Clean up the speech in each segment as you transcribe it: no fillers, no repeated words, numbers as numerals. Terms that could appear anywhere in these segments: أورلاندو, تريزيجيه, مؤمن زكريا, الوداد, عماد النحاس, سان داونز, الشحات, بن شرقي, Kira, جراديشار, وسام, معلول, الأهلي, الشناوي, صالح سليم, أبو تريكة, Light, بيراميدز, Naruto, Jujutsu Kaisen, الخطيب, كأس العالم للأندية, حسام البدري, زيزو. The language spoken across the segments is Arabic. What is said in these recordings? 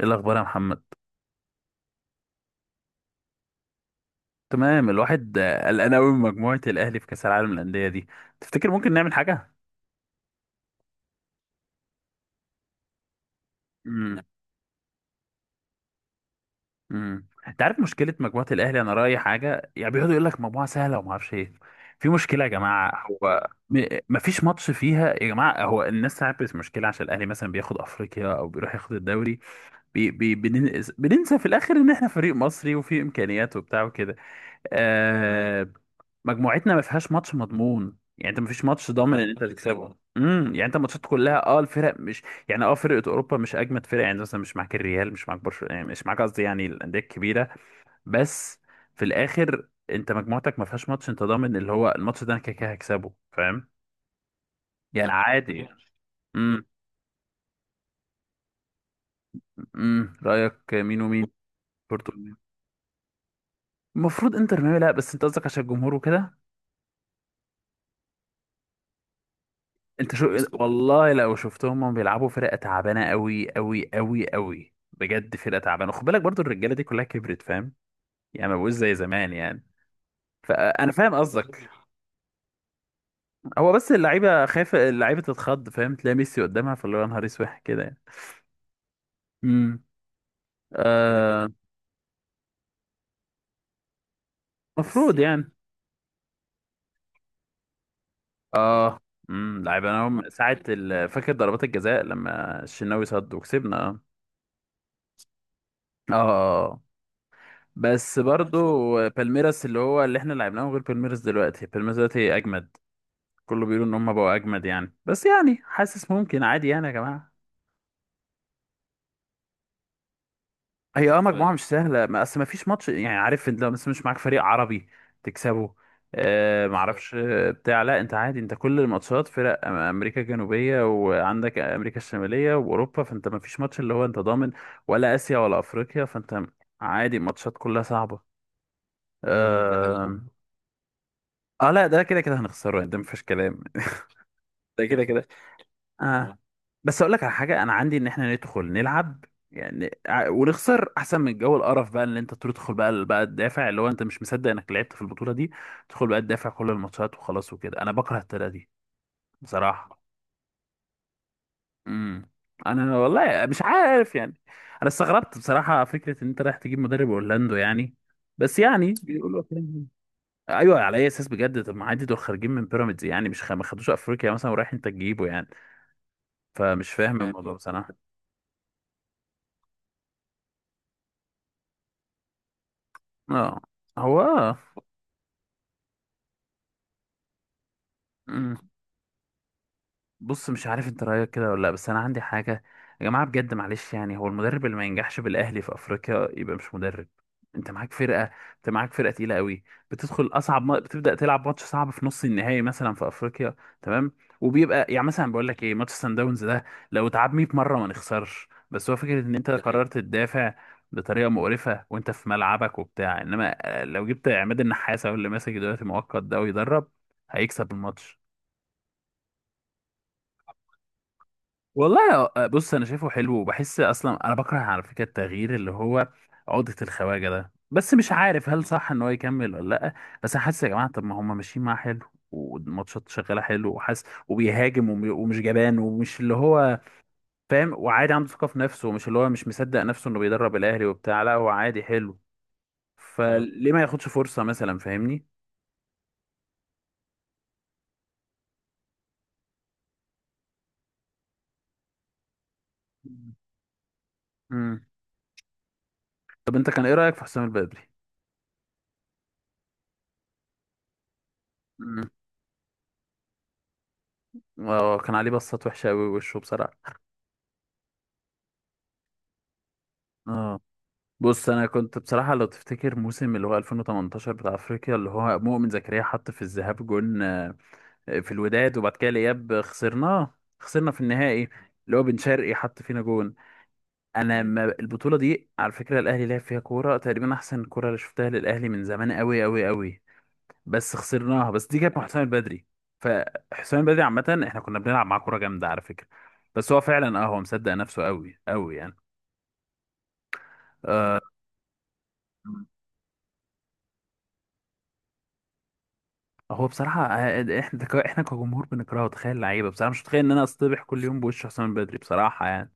ايه الاخبار يا محمد؟ تمام، الواحد قلقان قوي من مجموعه الاهلي في كاس العالم للانديه دي. تفتكر ممكن نعمل حاجه؟ امم انت عارف مشكله مجموعه الاهلي؟ انا رايي حاجه، يعني بيقعدوا يقول لك مجموعه سهله وما اعرفش ايه. في مشكله يا جماعه، هو ما فيش ماتش فيها يا جماعه، هو الناس تعرف، بس مشكله عشان الاهلي مثلا بياخد افريقيا او بيروح ياخد الدوري. بننسى في الاخر ان احنا فريق مصري وفي امكانيات وبتاع وكده. آه. مجموعتنا ما فيهاش ماتش مضمون، يعني انت ما فيش ماتش ضامن ان انت تكسبه، يعني انت ماتشات كلها، اه الفرق مش، يعني اه فرقه اوروبا مش اجمد فرقه، يعني مثلا مش معاك الريال، مش معاك برشلونه، يعني مش معاك قصدي يعني الانديه الكبيره، بس في الاخر انت مجموعتك ما فيهاش ماتش انت ضامن اللي هو الماتش ده انا كده كده هكسبه، فاهم؟ يعني عادي. امم رايك مين ومين؟ بورتو. المفروض انتر ميامي، لا بس انت قصدك عشان الجمهور وكده. انت شو بس، والله لو شفتهم هم بيلعبوا فرقه تعبانه قوي قوي قوي قوي بجد، فرقه تعبانه، خد بالك برضو الرجاله دي كلها كبرت، فاهم؟ يعني ما بقوش زي زمان يعني. فانا فاهم قصدك. هو بس اللعيبه خايفه، اللعيبه تتخض، فاهم؟ تلاقي ميسي قدامها فاللي هو يا نهار اسود كده يعني. امم آه، المفروض يعني. اه. لعيبه انا هم ساعه فاكر ضربات الجزاء لما الشناوي صد وكسبنا؟ اه. اه. آه. بس برضو بالميراس اللي هو اللي احنا لعبناه غير بالميراس دلوقتي، بالميراس دلوقتي اجمد، كله بيقولوا ان هم بقوا اجمد يعني، بس يعني حاسس ممكن عادي يعني يا جماعه. هي اه، طيب مجموعه مش سهله، ما اصل ما فيش ماتش، يعني عارف انت لو مثلا مش معاك فريق عربي تكسبه. آه، ما بالظبط اعرفش، بتاع، لا انت عادي، انت كل الماتشات فرق امريكا الجنوبيه، وعندك امريكا الشماليه واوروبا، فانت ما فيش ماتش اللي هو انت ضامن، ولا اسيا ولا افريقيا، فانت عادي الماتشات كلها صعبه. ده حقيقي آه. اه لا ده كده كده هنخسره يعني، ده مفيش كلام. ده كده كده. اه بس اقول لك على حاجه، انا عندي ان احنا ندخل نلعب، يعني ونخسر احسن من جو القرف بقى، اللي انت تدخل بقى تدافع، اللي هو انت مش مصدق انك لعبت في البطوله دي، تدخل بقى تدافع كل الماتشات وخلاص وكده، انا بكره الطريقه دي بصراحه. امم انا والله مش عارف يعني. انا استغربت بصراحه فكره ان انت رايح تجيب مدرب اورلاندو يعني، بس يعني بيقولوا كده. ايوه، على اي اساس بجد؟ طب ما عادي دول خارجين من بيراميدز يعني، مش خ... ما خدوش افريقيا مثلا، ورايح انت تجيبه يعني، فمش فاهم الموضوع يعني بصراحه. اه، هو آه. مم. بص مش عارف انت رايك كده ولا لا، بس انا عندي حاجه يا جماعه بجد، معلش يعني، هو المدرب اللي ما ينجحش بالاهلي في افريقيا يبقى مش مدرب. انت معاك فرقه، انت معاك فرقه تقيله قوي، بتدخل اصعب ما... بتبدا تلعب ماتش صعب في نص النهائي مثلا في افريقيا، تمام؟ وبيبقى يعني مثلا بقول لك ايه، ماتش سان داونز ده لو اتعاد 100 مره ما نخسرش، بس هو فكره ان انت ده حقيقي قررت تدافع بطريقه مقرفه وانت في ملعبك وبتاع، انما آه، لو جبت عماد النحاس هو اللي ماسك دلوقتي مؤقت ده ويدرب هيكسب الماتش. والله آه، بص انا شايفه حلو، وبحس اصلا انا بكره على فكره التغيير اللي هو عقدة الخواجه ده، بس مش عارف هل صح ان هو يكمل ولا لا. بس انا حاسس يا جماعه، طب ما هم ماشيين معاه حلو والماتشات شغاله حلو، وحاسس وبيهاجم ومش جبان ومش اللي هو، فاهم؟ وعادي عنده ثقه في نفسه، ومش اللي هو مش مصدق نفسه انه بيدرب الاهلي وبتاع، لا هو عادي حلو اه، فليه ما ياخدش فرصه مثلا، فاهمني؟ امم طب انت كان ايه رايك في حسام البدري؟ امم اه، كان عليه بصات وحشه قوي وشه بصراحه. اه بص، انا كنت بصراحه لو تفتكر موسم اللي هو 2018 بتاع افريقيا، اللي هو مؤمن زكريا حط في الذهاب جون في الوداد، وبعد كده الاياب خسرناه، خسرنا في النهائي، اللي هو بن شرقي حط فينا جون. انا ما البطوله دي على فكره الاهلي لعب فيها كوره تقريبا احسن كوره اللي شفتها للاهلي من زمان قوي قوي قوي، بس خسرناها، بس دي كانت مع حسام البدري. فحسام البدري عامه احنا كنا بنلعب معاه كوره جامده على فكره، بس هو فعلا اه، هو مصدق نفسه قوي قوي يعني. آه. هو بصراحة آه، احنا احنا كجمهور بنكرهه تخيل لعيبة، بصراحة مش متخيل ان انا اصطبح كل يوم بوش حسام البدري، بصراحة يعني.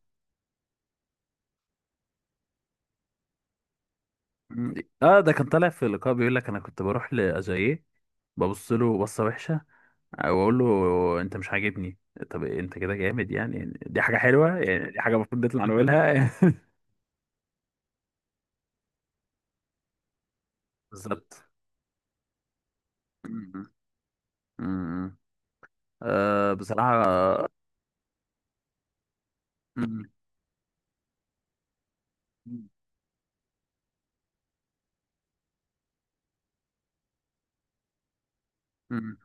م- اه ده كان طالع في لقاء بيقول لك انا كنت بروح لأجاييه، ببص له بصة وحشة، واقول له انت مش عاجبني. طب انت كده جامد يعني؟ دي حاجة حلوة يعني؟ دي حاجة المفروض نطلع نقولها. بالظبط. م- م- آه بصراحة. آه، م- م-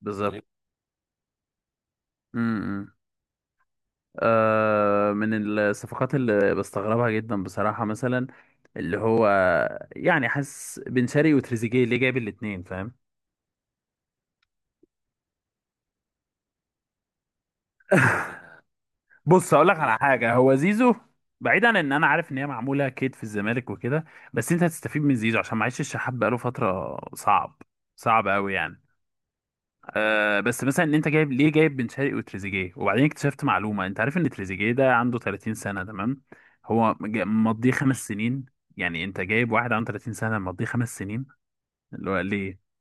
بالظبط. م- آه، من الصفقات اللي بستغربها جدا بصراحة مثلا اللي هو، يعني حاسس بن شرقي وتريزيجيه اللي جايب الاتنين، فاهم؟ بص هقول لك على حاجة، هو زيزو بعيدا عن ان انا عارف ان هي معمولة كيد في الزمالك وكده، بس انت هتستفيد من زيزو عشان معيش الشحات بقاله فترة صعب، صعب قوي يعني. آه، بس مثلا ان انت جايب ليه جايب بن شرقي وتريزيجيه؟ وبعدين اكتشفت معلومه، انت عارف ان تريزيجيه ده عنده 30 سنه؟ تمام، هو مضيه 5 سنين، يعني انت جايب واحد عنده 30 سنه مضيه 5 سنين، اللي هو ليه؟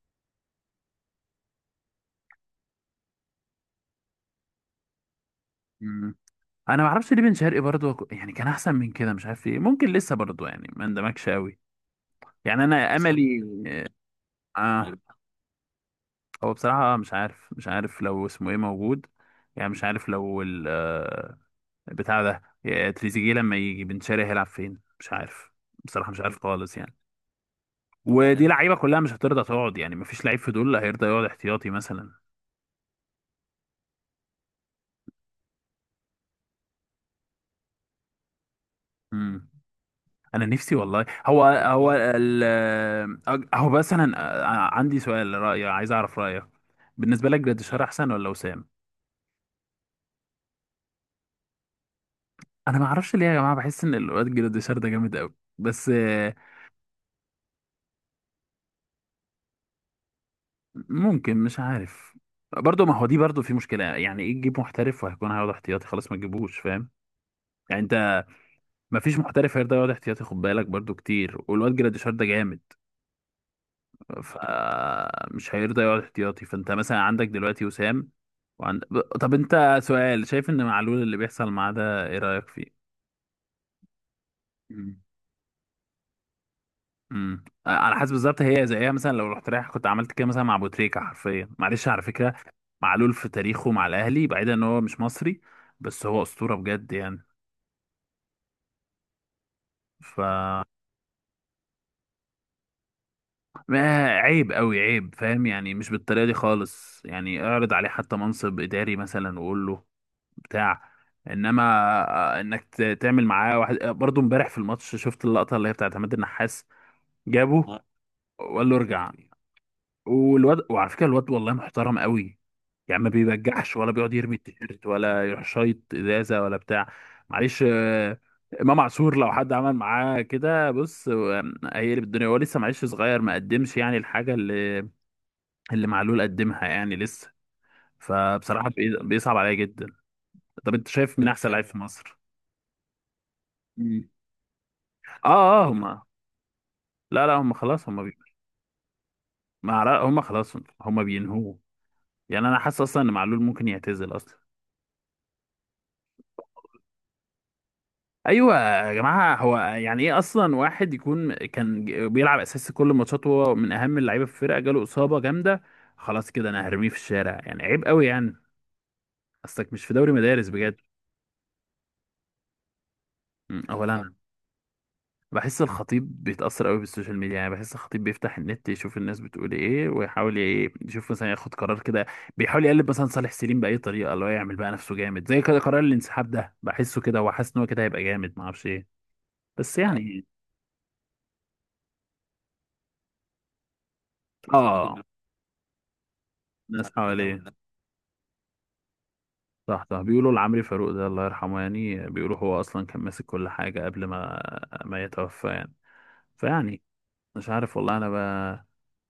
مم. انا ما اعرفش ليه بن شرقي برضه، يعني كان احسن من كده مش عارف ايه، ممكن لسه برضه يعني ما اندمجش قوي يعني، انا صح املي. اه، هو بصراحه مش عارف، مش عارف لو اسمه ايه موجود، يعني مش عارف لو بتاع ده، يا تريزيجيه لما يجي بن شرقي هيلعب فين مش عارف، بصراحة مش عارف خالص يعني. ودي لعيبة كلها مش هترضى تقعد، يعني مفيش لعيب في دول هيرضى يقعد احتياطي مثلا. امم انا نفسي والله، هو هو ال أج- هو بس انا أنا عندي سؤال رأي عايز اعرف رأيك، بالنسبة لك جراديشار احسن ولا وسام؟ انا ما اعرفش ليه يا جماعة بحس ان الواد جراديشار ده جامد قوي بس ممكن مش عارف. برضه، ما هو دي برضه في مشكلة يعني، ايه تجيب محترف وهيكون هيقعد احتياطي؟ خلاص ما تجيبوش، فاهم يعني انت؟ مفيش محترف هيرضى يقعد احتياطي، خد بالك برضو كتير، والواد جراديشار ده جامد فمش هيرضى يقعد احتياطي، فانت مثلا عندك دلوقتي وسام. وعند... طب انت سؤال، شايف ان معلول اللي بيحصل معاه ده ايه رأيك فيه؟ مم. على حسب، بالظبط هي زيها مثلا لو رحت رايح كنت عملت كده مثلا مع ابو تريكة حرفيا، معلش على فكرة. معلول في تاريخه مع الاهلي بعيدا ان هو مش مصري، بس هو اسطورة بجد يعني. ف، ما عيب قوي عيب، فاهم يعني؟ مش بالطريقه دي خالص يعني، اعرض عليه حتى منصب اداري مثلا وقول له بتاع، انما آه، تعمل معاه واحد. برضه امبارح في الماتش شفت اللقطه اللي هي بتاعت عماد النحاس، جابه وقال له ارجع، والواد، وعلى فكره الواد والله محترم قوي، يعني ما بيبجعش ولا بيقعد يرمي التيشيرت ولا يروح شايط ازازه ولا بتاع. معلش امام عاشور لو حد عمل معاه كده، بص آه، هيقلب الدنيا، هو لسه معلش صغير ما قدمش يعني الحاجه اللي اللي معلول قدمها يعني لسه. فبصراحة بيصعب عليا جدا. طب انت شايف مين احسن لعيب في مصر؟ مم. اه اه هما، لا لا هما خلاص، هما بي... ما عر- هما خلاص هما بينهوه، يعني انا حاسس اصلا ان معلول ممكن يعتزل اصلا. ايوه يا جماعه، هو يعني ايه اصلا واحد يكون كان بيلعب اساسي كل الماتشات وهو من اهم اللعيبه في الفرقه، جاله اصابه جامده خلاص كده انا هرميه في الشارع؟ يعني عيب قوي يعني، اصلك مش في دوري مدارس بجد. م، اولا بحس الخطيب بيتأثر قوي بالسوشيال ميديا، يعني بحس الخطيب بيفتح النت يشوف الناس بتقول ايه، ويحاول ايه يشوف مثلا ياخد قرار كده، بيحاول يقلب مثلا صالح سليم بأي طريقة اللي هو يعمل بقى نفسه جامد، زي كده قرار الانسحاب ده بحسه كده هو حاسس ان هو كده هيبقى جامد ما اعرفش ايه، بس يعني اه. الناس حواليه. صح صح، بيقولوا لعمرو فاروق ده الله يرحمه يعني، بيقولوا هو اصلا كان ماسك كل حاجة قبل ما ما يتوفى يعني، فيعني مش عارف والله انا بقى.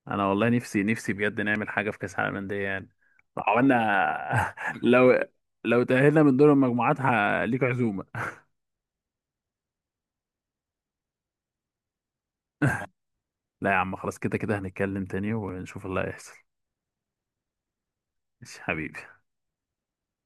انا والله نفسي، نفسي بجد نعمل حاجه في كاس العالم للانديه يعني. لو عملنا، لو، لو تاهلنا من دور المجموعات ليك عزومه. لا يا عم خلاص، كده كده هنتكلم تاني ونشوف اللي هيحصل. ماشي حبيبي.